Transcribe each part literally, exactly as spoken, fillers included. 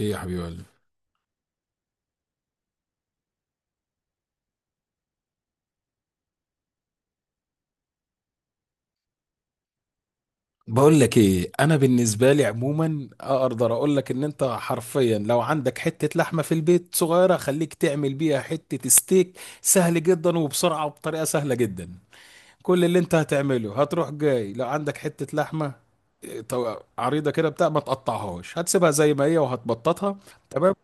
ايه يا حبيب قلبي. بقول لك ايه، انا بالنسبه لي عموما اقدر اقول لك ان انت حرفيا لو عندك حته لحمه في البيت صغيره خليك تعمل بيها حته ستيك سهل جدا وبسرعه وبطريقه سهله جدا. كل اللي انت هتعمله هتروح جاي لو عندك حته لحمه إيه، طو- عريضه كده بتاع ما تقطعهاش، هتسيبها زي ما هي وهتبططها. تمام.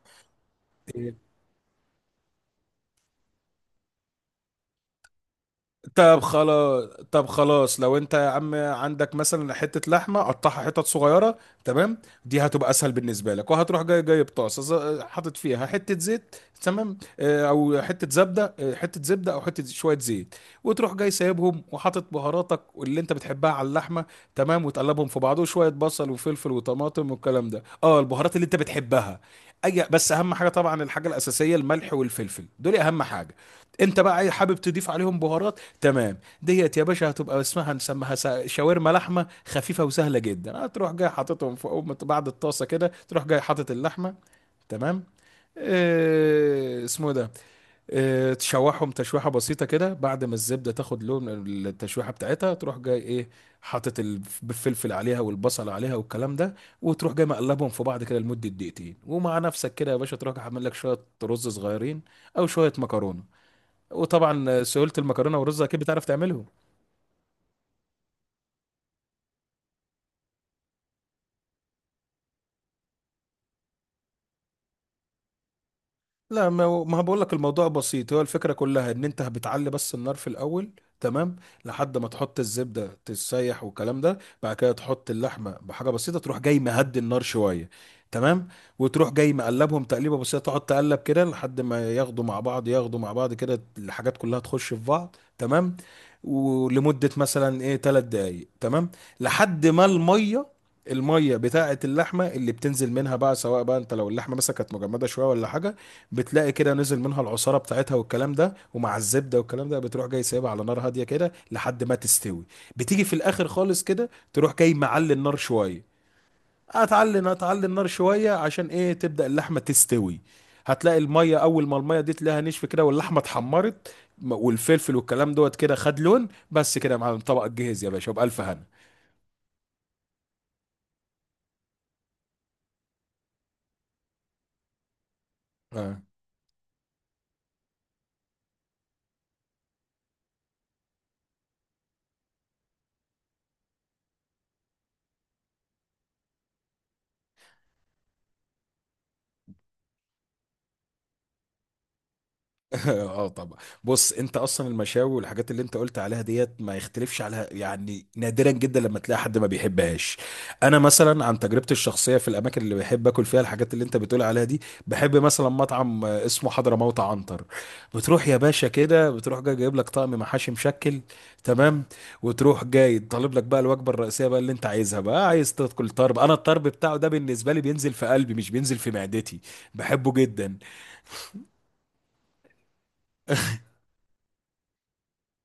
طب خلاص. طب خلاص لو انت يا عم عندك مثلا حته لحمه قطعها حتت صغيره. تمام. دي هتبقى اسهل بالنسبه لك، وهتروح جاي جاي بطاسه ز- حاطط فيها حته زيت. تمام. اه، او حته زبده، اه، حته زبده او حته شويه زيت. وتروح جاي سايبهم وحاطط بهاراتك واللي انت بتحبها على اللحمه. تمام، وتقلبهم في بعض وشويه بصل وفلفل وطماطم والكلام ده، اه البهارات اللي انت بتحبها. اي بس اهم حاجه طبعا، الحاجه الاساسيه الملح والفلفل، دول اهم حاجه. انت بقى إيه، حابب تضيف عليهم بهارات؟ تمام، ديت يا باشا هتبقى اسمها، نسميها سا- شاورما لحمه خفيفه وسهله جدا. هتروح جاي حاططهم فوق بعد الطاسه، كده تروح جاي حاطط اللحمه. تمام. إيه اسمه إيه ده؟ إيه، تشوحهم تشويحه بسيطه كده، بعد ما الزبده تاخد لون التشويحه بتاعتها تروح جاي ايه، حاطط الف- الفلفل عليها والبصل عليها والكلام ده. وتروح جاي مقلبهم في بعض كده لمده دقيقتين، ومع نفسك كده يا باشا تروح جاي عامل لك شويه رز صغيرين او شويه مكرونه. وطبعا سهوله المكرونه والرز اكيد بتعرف تعملهم. لا، ما هو- ما بقول لك الموضوع بسيط، هو الفكره كلها ان انت بتعلي بس النار في الاول. تمام. لحد ما تحط الزبده تسيح والكلام ده، بعد كده تحط اللحمه بحاجه بسيطه، تروح جاي مهدي النار شويه. تمام. وتروح جاي مقلبهم تقليبه بسيطه، تقعد تقلب كده لحد ما ياخدوا مع بعض، ياخدوا مع بعض كده، الحاجات كلها تخش في بعض. تمام، ولمده مثلا ايه ثلاث دقائق. تمام، لحد ما الميه الميه بتاعه اللحمه اللي بتنزل منها بقى، سواء بقى انت لو اللحمه مثلا كانت مجمده شويه ولا حاجه، بتلاقي كده نزل منها العصاره بتاعتها والكلام ده، ومع الزبده والكلام ده بتروح جاي سايبها على نار هاديه كده لحد ما تستوي. بتيجي في الاخر خالص كده تروح جاي معلي النار شويه. هتعلي هتعلي النار شويه عشان ايه؟ تبدا اللحمه تستوي. هتلاقي الميه، اول ما الميه دي تلاقيها نشف كده، واللحمه اتحمرت م- والفلفل والكلام دوت كده خد لون، بس كده يا معلم طبقك جهز يا باشا وبألف هنا. آه. اه طبعا. بص انت اصلا المشاوي والحاجات اللي انت قلت عليها ديت ما يختلفش عليها، يعني نادرا جدا لما تلاقي حد ما بيحبهاش. انا مثلا عن تجربتي الشخصيه، في الاماكن اللي بحب اكل فيها الحاجات اللي انت بتقول عليها دي، بحب مثلا مطعم آه، اسمه حضرموت عنتر. بتروح يا باشا كده، بتروح جاي جايب لك طقم محاشي مشكل. تمام. وتروح جاي طالب لك بقى الوجبه الرئيسيه بقى اللي انت عايزها، بقى عايز تاكل طرب، انا الطرب بتاعه ده بالنسبه لي بينزل في قلبي مش بينزل في معدتي. بحبه جدا.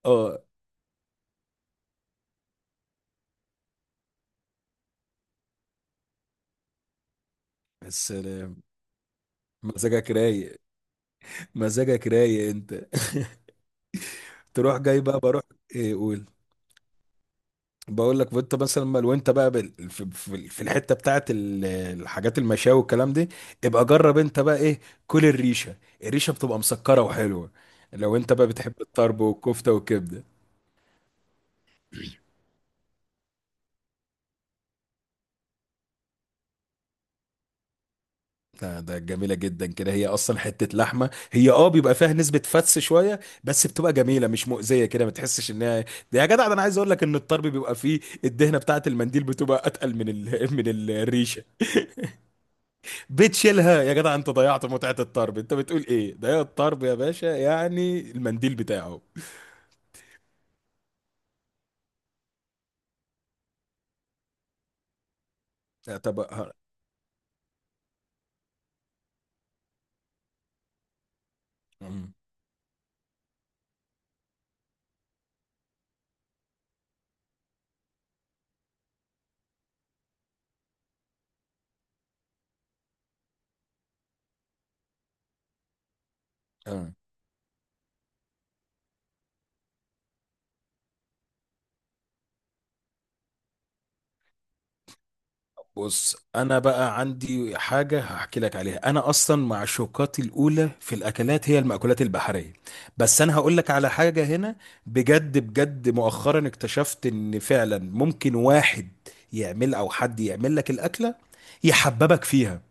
اه، بس مزاجك رايق. مزاجك رايق انت. تروح جاي بقى بروح. ايه قول. بقول لك وانت مثلا ما- وانت بقى بال- في في- في الحته بتاعت ال- الحاجات المشاوي والكلام دي، ابقى جرب انت بقى ايه. كل الريشه. الريشه بتبقى مسكره وحلوه، لو انت بقى بتحب الطرب والكفته والكبده. ده ده جميلة جدا كده، هي أصلا حتة لحمة هي اه بيبقى فيها نسبة فتس شوية بس بتبقى جميلة مش مؤذية كده ما تحسش إنها. ده يا جدع، ده أنا عايز أقول لك إن الطرب بيبقى فيه الدهنة بتاعة المنديل بتبقى أتقل من ال... من الريشة. بتشيلها يا جدع؟ أنت ضيعت متعة الطرب، أنت بتقول إيه؟ ده الطرب يا باشا يعني المنديل بتاعه. لا، طب ها- أم. بص انا بقى عندي حاجه هحكي لك عليها، انا اصلا معشوقاتي الاولى في الاكلات هي المأكولات البحريه. بس انا هقول لك على حاجه هنا. بجد بجد مؤخرا اكتشفت ان فعلا ممكن واحد يعمل، او حد يعمل لك الاكله يحببك فيها،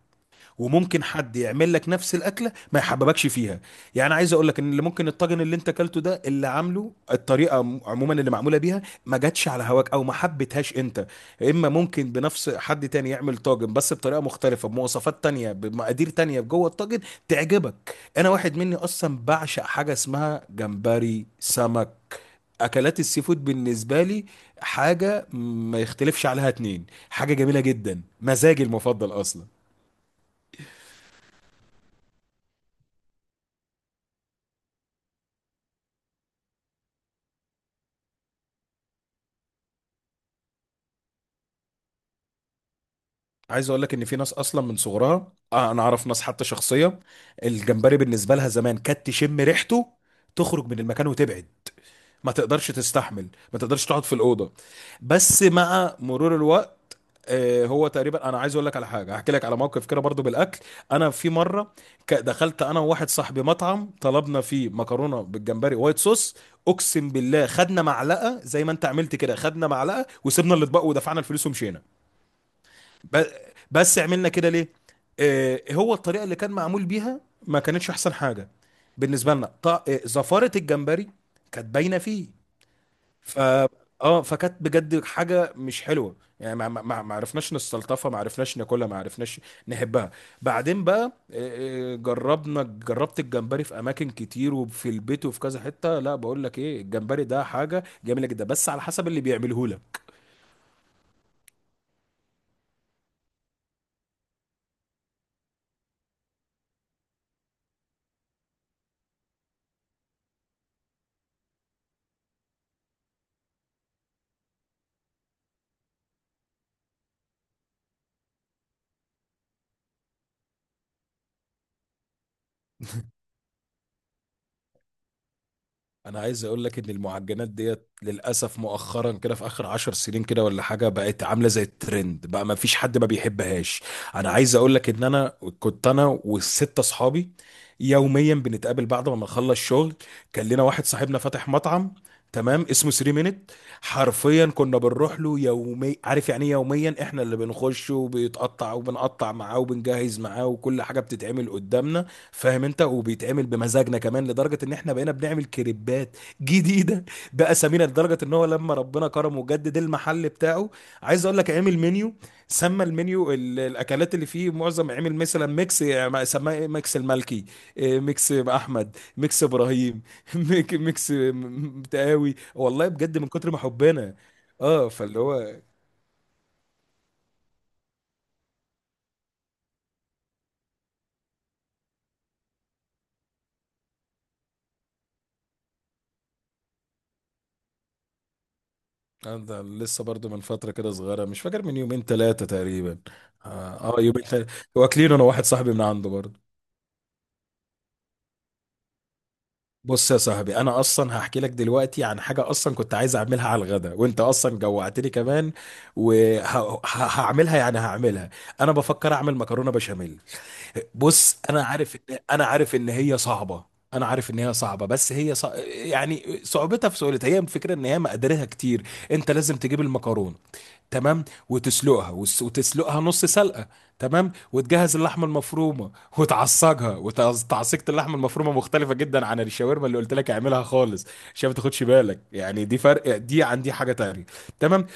وممكن حد يعمل لك نفس الاكله ما يحببكش فيها. يعني عايز اقول لك ان اللي ممكن الطاجن اللي انت اكلته ده اللي عامله الطريقه عم- عموما اللي معموله بيها ما جاتش على هواك او ما حبيتهاش انت. اما ممكن بنفس، حد تاني يعمل طاجن بس بطريقه مختلفه، بمواصفات تانية بمقادير تانية جوه الطاجن، تعجبك. انا واحد مني اصلا بعشق حاجه اسمها جمبري سمك، اكلات السي فود بالنسبه لي حاجه ما يختلفش عليها. اتنين حاجه جميله جدا، مزاجي المفضل اصلا. عايز اقول لك ان في ناس اصلا من صغرها آه، انا اعرف ناس حتى شخصيه الجمبري بالنسبه لها زمان كانت تشم ريحته تخرج من المكان وتبعد، ما تقدرش تستحمل، ما تقدرش تقعد في الاوضه. بس مع مرور الوقت، آه، هو تقريبا انا عايز اقول لك على حاجه، احكي لك على موقف كده برضو بالاكل. انا في مره ك- دخلت انا وواحد صاحبي مطعم، طلبنا فيه مكرونه بالجمبري وايت صوص. اقسم بالله خدنا معلقه زي ما انت عملت كده، خدنا معلقه وسيبنا الاطباق ودفعنا الفلوس ومشينا. ب- بس عملنا كده ليه؟ آه، هو الطريقه اللي كان معمول بيها ما كانتش احسن حاجه بالنسبه لنا. ط- آه، زفاره الجمبري كانت باينه فيه. ف اه فكانت بجد حاجه مش حلوه، يعني ما ما ما ما عرفناش نستلطفها، ما عرفناش ناكلها، ما عرفناش نحبها. بعدين بقى، آه، آه، جربنا، جربت الجمبري في اماكن كتير وفي البيت وفي كذا حته، لا بقول لك ايه، الجمبري ده حاجه جميله جدا بس على حسب اللي بيعمله لك. انا عايز اقول لك ان المعجنات ديت للاسف مؤخرا كده في اخر عشر سنين كده ولا حاجه بقت عامله زي الترند، بقى ما فيش حد ما بيحبهاش. انا عايز اقول لك ان انا كنت انا والستة اصحابي يوميا بنتقابل بعد ما نخلص شغل. كان لنا واحد صاحبنا فاتح مطعم، تمام، اسمه ثري مينت. حرفيا كنا بنروح له يومي، عارف يعني ايه يوميا؟ احنا اللي بنخش وبيتقطع وبنقطع معاه وبنجهز معاه وكل حاجه بتتعمل قدامنا، فاهم انت، وبيتعمل بمزاجنا كمان. لدرجه ان احنا بقينا بنعمل كريبات جديده باسامينا. لدرجه ان هو لما ربنا كرمه وجدد المحل بتاعه، عايز اقول لك عامل منيو، سمى المنيو ال- الاكلات اللي فيه، معظم عامل مثلا ميكس يعني، سماه إيه؟ ميكس الملكي، إيه، ميكس احمد، ميكس ابراهيم. ميك- ميكس م- م- تقاوي، والله بجد من كتر ما حبنا. اه فاللي هو آه، ده لسه برضو من فترة كده صغيرة، مش فاكر، من يومين ثلاثة تقريبا. اه آه، يومين ثلاثة واكلين انا واحد صاحبي من عنده برضو. بص يا صاحبي، انا اصلا هحكي لك دلوقتي عن حاجة اصلا كنت عايز اعملها على الغدا، وانت اصلا جوعتني كمان وهعملها، يعني هعملها. انا بفكر اعمل مكرونة بشاميل. بص انا عارف ان، انا عارف ان هي صعبة. انا عارف ان هي صعبة، بس هي صع... يعني صعوبتها في سهولتها، هي الفكرة ان هي مقاديرها كتير. انت لازم تجيب المكرونة، تمام، وتسلقها وس- وتسلقها نص سلقه. تمام، وتجهز اللحمه المفرومه وتعصجها. وتعصيجة اللحمه المفرومه مختلفه جدا عن الشاورما اللي قلت لك اعملها خالص، عشان ما تاخدش بالك يعني، دي فرق دي عن دي حاجه تانية. تمام.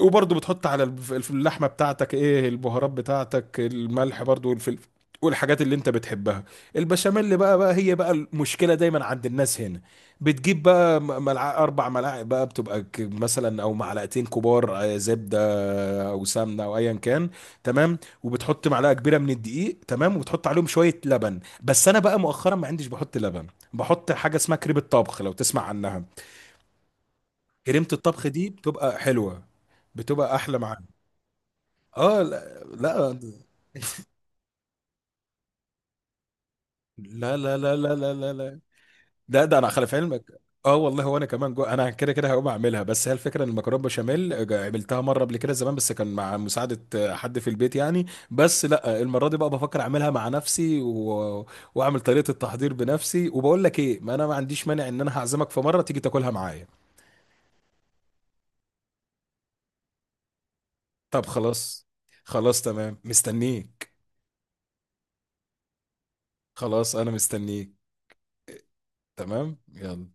وبرضه بتحط على الف- الف- اللحمه بتاعتك ايه؟ البهارات بتاعتك، الملح برضه والفلفل والحاجات اللي انت بتحبها. البشاميل بقى، بقى هي بقى المشكله دايما عند الناس هنا، بتجيب بقى، م- ملع... اربع ملاعق بقى، بتبقى ك- مثلا او معلقتين كبار آه، زبده او سمنه او ايا كان. تمام وبتحط معلقه كبيره من الدقيق، تمام، وبتحط عليهم شويه لبن، بس انا بقى مؤخرا ما عنديش بحط لبن، بحط حاجه اسمها كريمه طبخ، لو تسمع عنها. كريمه الطبخ دي بتبقى حلوه، بتبقى احلى معاها. اه لا لا لا لا لا لا لا لا لا، ده ده انا خلف علمك. اه والله، وانا كمان جو، انا كده كده هقوم اعملها. بس هي الفكره ان المكرونه بشاميل جا- عملتها مره قبل كده زمان، بس كان مع مساعده آه، حد في البيت يعني. بس لا آه، المره دي بقى بفكر اعملها مع نفسي و... واعمل طريقه التحضير بنفسي. وبقول لك ايه، ما انا ما عنديش مانع ان انا هعزمك في مره تيجي تاكلها معايا. طب خلاص. خلاص، تمام، مستنيك. خلاص انا مستنيك. تمام، يلا.